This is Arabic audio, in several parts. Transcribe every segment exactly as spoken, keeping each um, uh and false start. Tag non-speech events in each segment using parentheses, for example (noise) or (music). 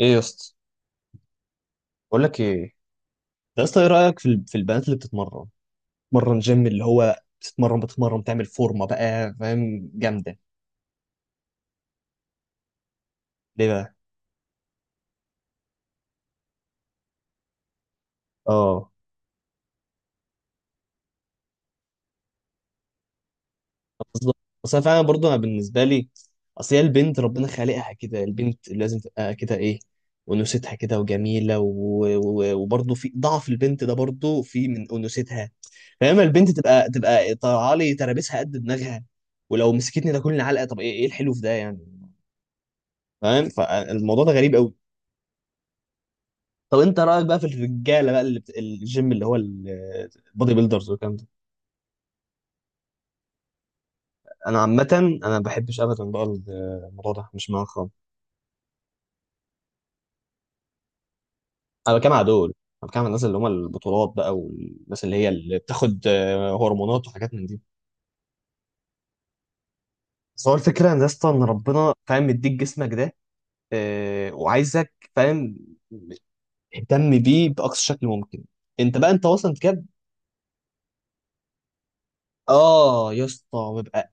ايه يا اسطى؟ بقول لك ايه يا اسطى، ايه رايك في ال- في البنات اللي بتتمرن، بتتمرن جيم؟ اللي هو بتتمرن بتتمرن تعمل فورمه بقى، فاهم؟ جامده. ليه بقى؟ اه، بالظبط. بس انا فعلا برضه، انا بالنسبه لي، اصل هي البنت ربنا خالقها كده، البنت لازم تبقى كده، ايه، انوثتها كده وجميله و... و... وبرضه في ضعف البنت ده برضه في من انوثتها. فاما البنت تبقى تبقى طالعه لي ترابيسها قد دماغها، ولو مسكتني ده كل علقه، طب ايه ايه الحلو في ده يعني؟ فاهم؟ فالموضوع ده غريب قوي. طب انت رايك بقى في الرجاله بقى اللي بت... الجيم، اللي هو البودي بيلدرز والكلام ده؟ انا عامه انا ما بحبش ابدا بقى، الموضوع ده مش معاك خالص. انا بتكلم على دول، انا بتكلم على الناس اللي هم البطولات بقى، والناس اللي هي اللي بتاخد آه، هرمونات وحاجات من دي. بس هو الفكره ان يا اسطى ان ربنا فاهم مديك جسمك ده، آه، وعايزك، فاهم، اهتم بيه باقصى شكل ممكن. انت بقى انت وصلت كده؟ اه يا اسطى، ببقى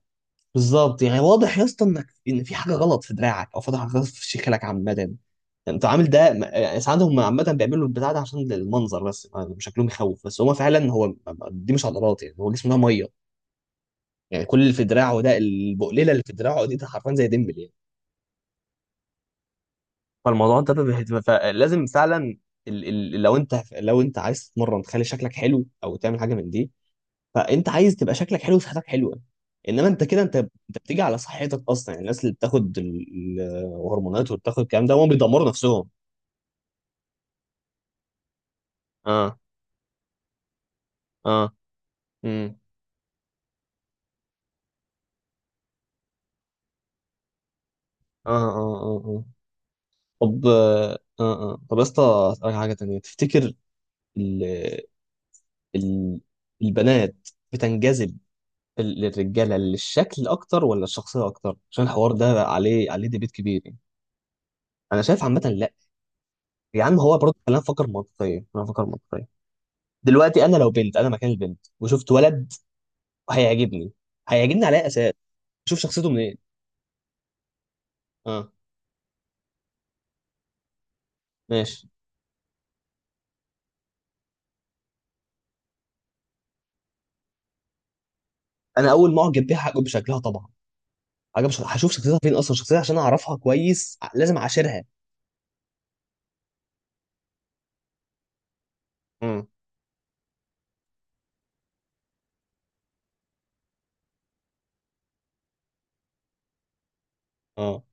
بالظبط يعني واضح يا اسطى انك، ان في حاجه غلط في دراعك او في حاجه غلط في شكلك عامه يعني، انت عامل ده. يعني ساعات هم عامه بيعملوا البتاع ده عشان المنظر بس، يعني شكلهم يخوف بس، هو فعلا هو دي مش عضلات، يعني هو جسمه ده ميه. يعني كل اللي في دراعه ده، البقليله اللي في دراعه دي، ده حرفيا زي ديمبل يعني. فالموضوع ده بيبقى- فلازم فعلا ال- ال- لو انت لو انت عايز تتمرن تخلي شكلك حلو او تعمل حاجه من دي، فانت عايز تبقى شكلك حلو وصحتك حلوه. انما انت كده، انت انت بتيجي على صحتك اصلا. يعني الناس اللي بتاخد ال- الهرمونات وبتاخد الكلام ده، هم بيدمروا نفسهم. اه. اه. امم اه، اه، اه، اه. طب، اه. اه. آه. طب يا اسطى، اسالك حاجه تانية، تفتكر ال ال البنات بتنجذب لل- للرجاله للشكل اكتر ولا الشخصيه اكتر؟ عشان الحوار ده عليه عليه ديبيت كبير يعني. انا شايف عامه لا، يا عم هو برضه خلينا نفكر منطقيا، خلينا نفكر منطقيا. دلوقتي انا لو بنت، انا مكان البنت وشفت ولد، هيعجبني، هيعجبني على اي اساس؟ شوف شخصيته منين. اه، ماشي. انا اول ما اعجب بيها هعجب بشكلها طبعا. عجب شخ... هشوف شخصيتها فين اصلا؟ شخصيتها عشان اعرفها كويس، ع- لازم اعاشرها. امم. اه.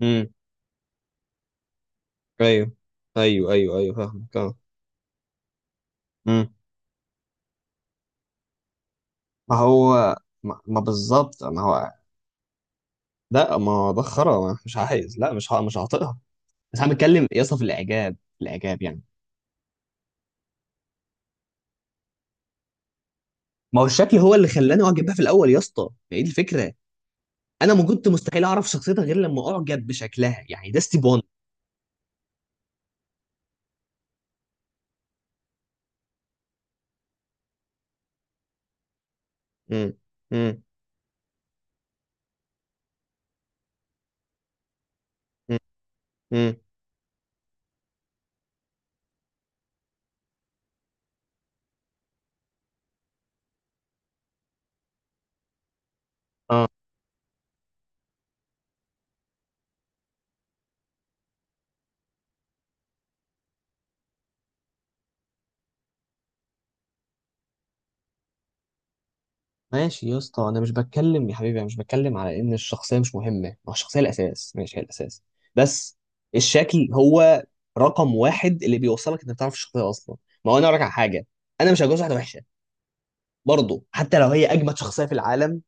امم. ايوه، ايوه، ايوه، ايوه، فاهمك. اه. امم. ما هو ما, ما بالظبط، ما هو. لا ما هو ده خرا، ما- مش عايز، لا مش ه... مش هعطيها. بس انا بتكلم يا اسطى في الاعجاب، في الاعجاب يعني. ما هو الشكل هو اللي خلاني اعجب بيها في الاول يا اسطى، هي دي الفكره. انا ما كنت مستحيل اعرف شخصيتها غير لما اعجب بشكلها، يعني ده ستيب واحد. امم. امم. امم. اه، ماشي يا اسطى. انا مش بتكلم يا حبيبي، انا مش بتكلم على ان الشخصيه مش مهمه، ما هو الشخصيه الاساس، ماشي، هي الاساس. بس الشكل هو رقم واحد اللي بيوصلك انك تعرف الشخصيه اصلا. ما هو انا اقول لك على حاجه، انا مش هتجوز واحده وحشه، برضه حتى لو هي اجمد شخصيه في العالم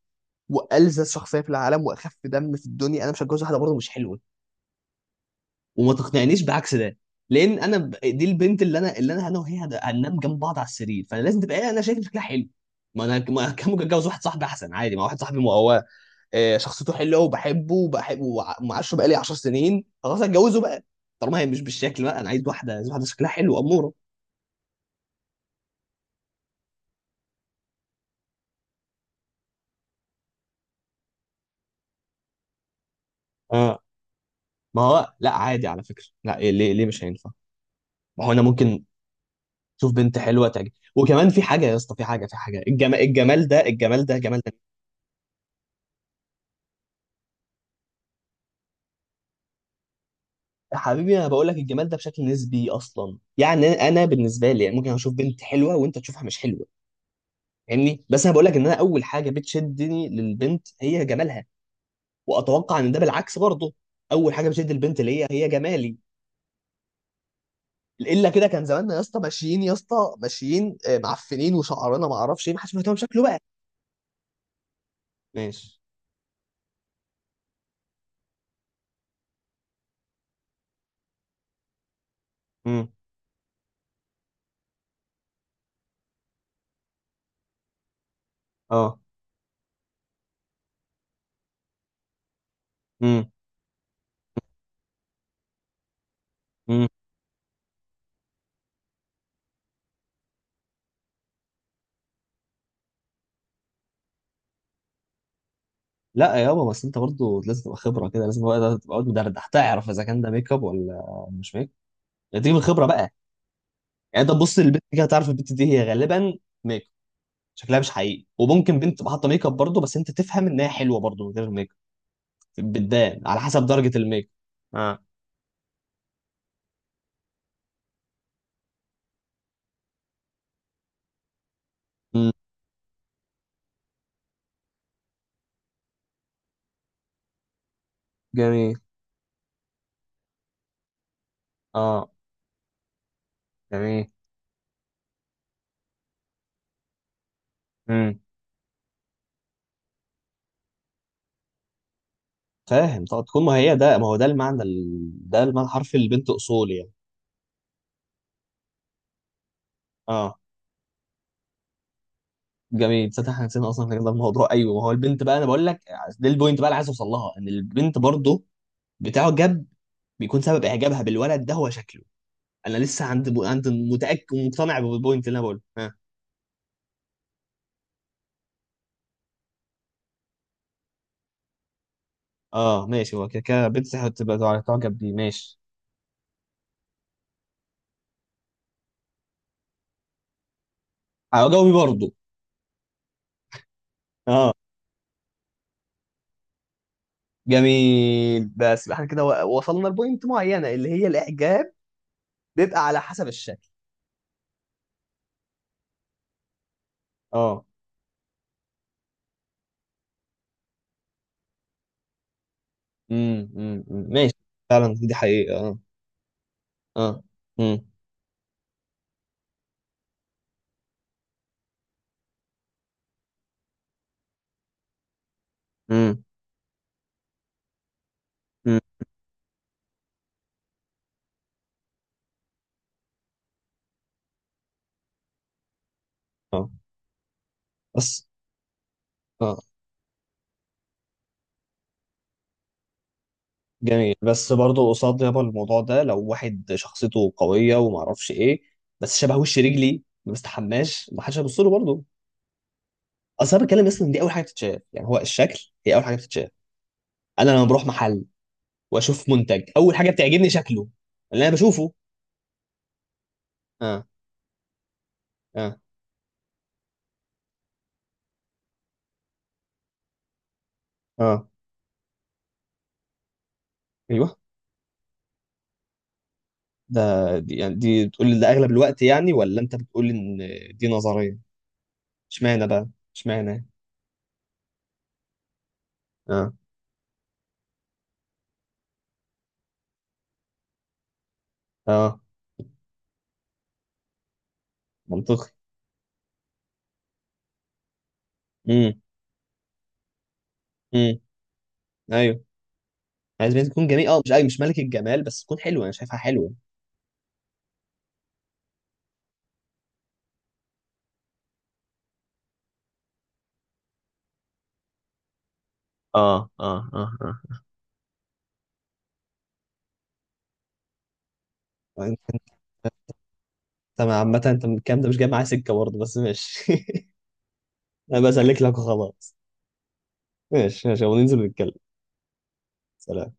والذ شخصيه في العالم واخف دم في الدنيا، انا مش هتجوز واحده برضه مش حلوه. وما تقنعنيش بعكس ده، لان انا ب... دي البنت اللي انا، اللي انا انا وهي هن- هننام جنب بعض على السرير، فانا لازم تبقى انا شايف شكلها حلو. ما انا ما أنا كان ممكن اتجوز واحد صاحبي احسن عادي، ما واحد صاحبي ما هو آه، شخصيته حلوه وبحبه وبحبه ومعاشره بقالي عشر سنين، خلاص هتجوزه بقى. طالما هي مش بالشكل بقى، انا عايز واحده، عايز واحده شكلها حلو اموره. اه. ما هو لا عادي على فكره، لا، إيه- ليه ليه مش هينفع؟ ما هو انا ممكن اشوف بنت حلوه، تعجب، وكمان في حاجه يا اسطى، في حاجه، في حاجه، الجمال، الجمال ده، الجمال ده جمال. حبيبي انا بقول لك الجمال ده بشكل نسبي اصلا، يعني انا أنا بالنسبه لي يعني ممكن اشوف بنت حلوه وانت تشوفها مش حلوه، فاهمني؟ بس انا بقول لك ان انا اول حاجه بتشدني للبنت هي جمالها. واتوقع ان ده بالعكس برضه، اول حاجه بتشد البنت ليا هي جمالي. الا كده كان زماننا يا اسطى ماشيين، يا اسطى ماشيين آه، معفنين وشعرنا ما اعرفش ايه، ما حدش مهتم بشكله بقى. ماشي. امم. اه. امم. امم. لا يا بابا، بس انت برضه لازم تبقى خبره كده، لازم تبقى تبقى قاعد مدردح تعرف اذا كان ده ميك اب ولا مش ميك اب. تيجي من الخبره بقى، يعني انت تبص للبنت كده تعرف البنت دي هي غالبا ميك اب، شكلها مش حقيقي. وممكن بنت تبقى حاطه ميك اب برضه، بس انت تفهم ان هي حلوه برضه من غير ميك اب، بتبان على حسب درجه الميك اب. اه. مم. جميل. اه. جميل. امم. فاهم. طب تكون، ما هي ده، ما هو ده المعنى ال... ده المعنى الحرفي للبنت اصول يعني. اه. جميل، تصدق احنا نسينا اصلا كده الموضوع؟ ايوه، ما هو البنت بقى انا بقول لك، ده البوينت بقى اللي عايز اوصل لها، ان البنت برضه بتعجب، بيكون سبب اعجابها بالولد ده هو شكله. انا لسه عند ب... عند، متاكد ومقتنع بالبوينت اللي انا بقوله. ها، اه، ماشي. هو كده كده بنت هتبقى تعجب بيه، ماشي. هجاوبي برضه. اه. جميل، بس يبقى احنا كده و- وصلنا لبوينت معينه، اللي هي الاعجاب بيبقى على حسب الشكل. اه. امم. امم. أمم. ماشي. فعلا دي حقيقه، اه. اه. امم. امم. أمم. اه. بس. اه. جميل، بس برضه قصاد يابا الموضوع ده، لو واحد شخصيته قويه وما اعرفش ايه، بس شبه وش رجلي، ما بستحماش، ما حدش هيبص له برضه. اصل انا بتكلم اصلا إن دي اول حاجه بتتشاف، يعني هو الشكل هي اول حاجه بتتشاف. انا لما بروح محل واشوف منتج، اول حاجه بتعجبني شكله، اللي انا بشوفه. اه. اه. اه. ايوه. ده، دي يعني دي بتقول لي ده اغلب الوقت يعني، ولا انت بتقول ان دي نظريه؟ اشمعنى بقى؟ اشمعنى؟ اه. اه. منطقي. امم. امم. ايوه. عايز بنت تكون جميل اه، مش أيوة مش ملك الجمال، بس تكون حلوه، انا شايفها حلوه. اه. اه. اه. اه. انت انت- عامة انت من الكلام ده مش جاي معايا سكة برضه، بس ماشي. (laughs) انا بسلك لك وخلاص. ماشي، ماشي، وننزل نتكلم. سلام.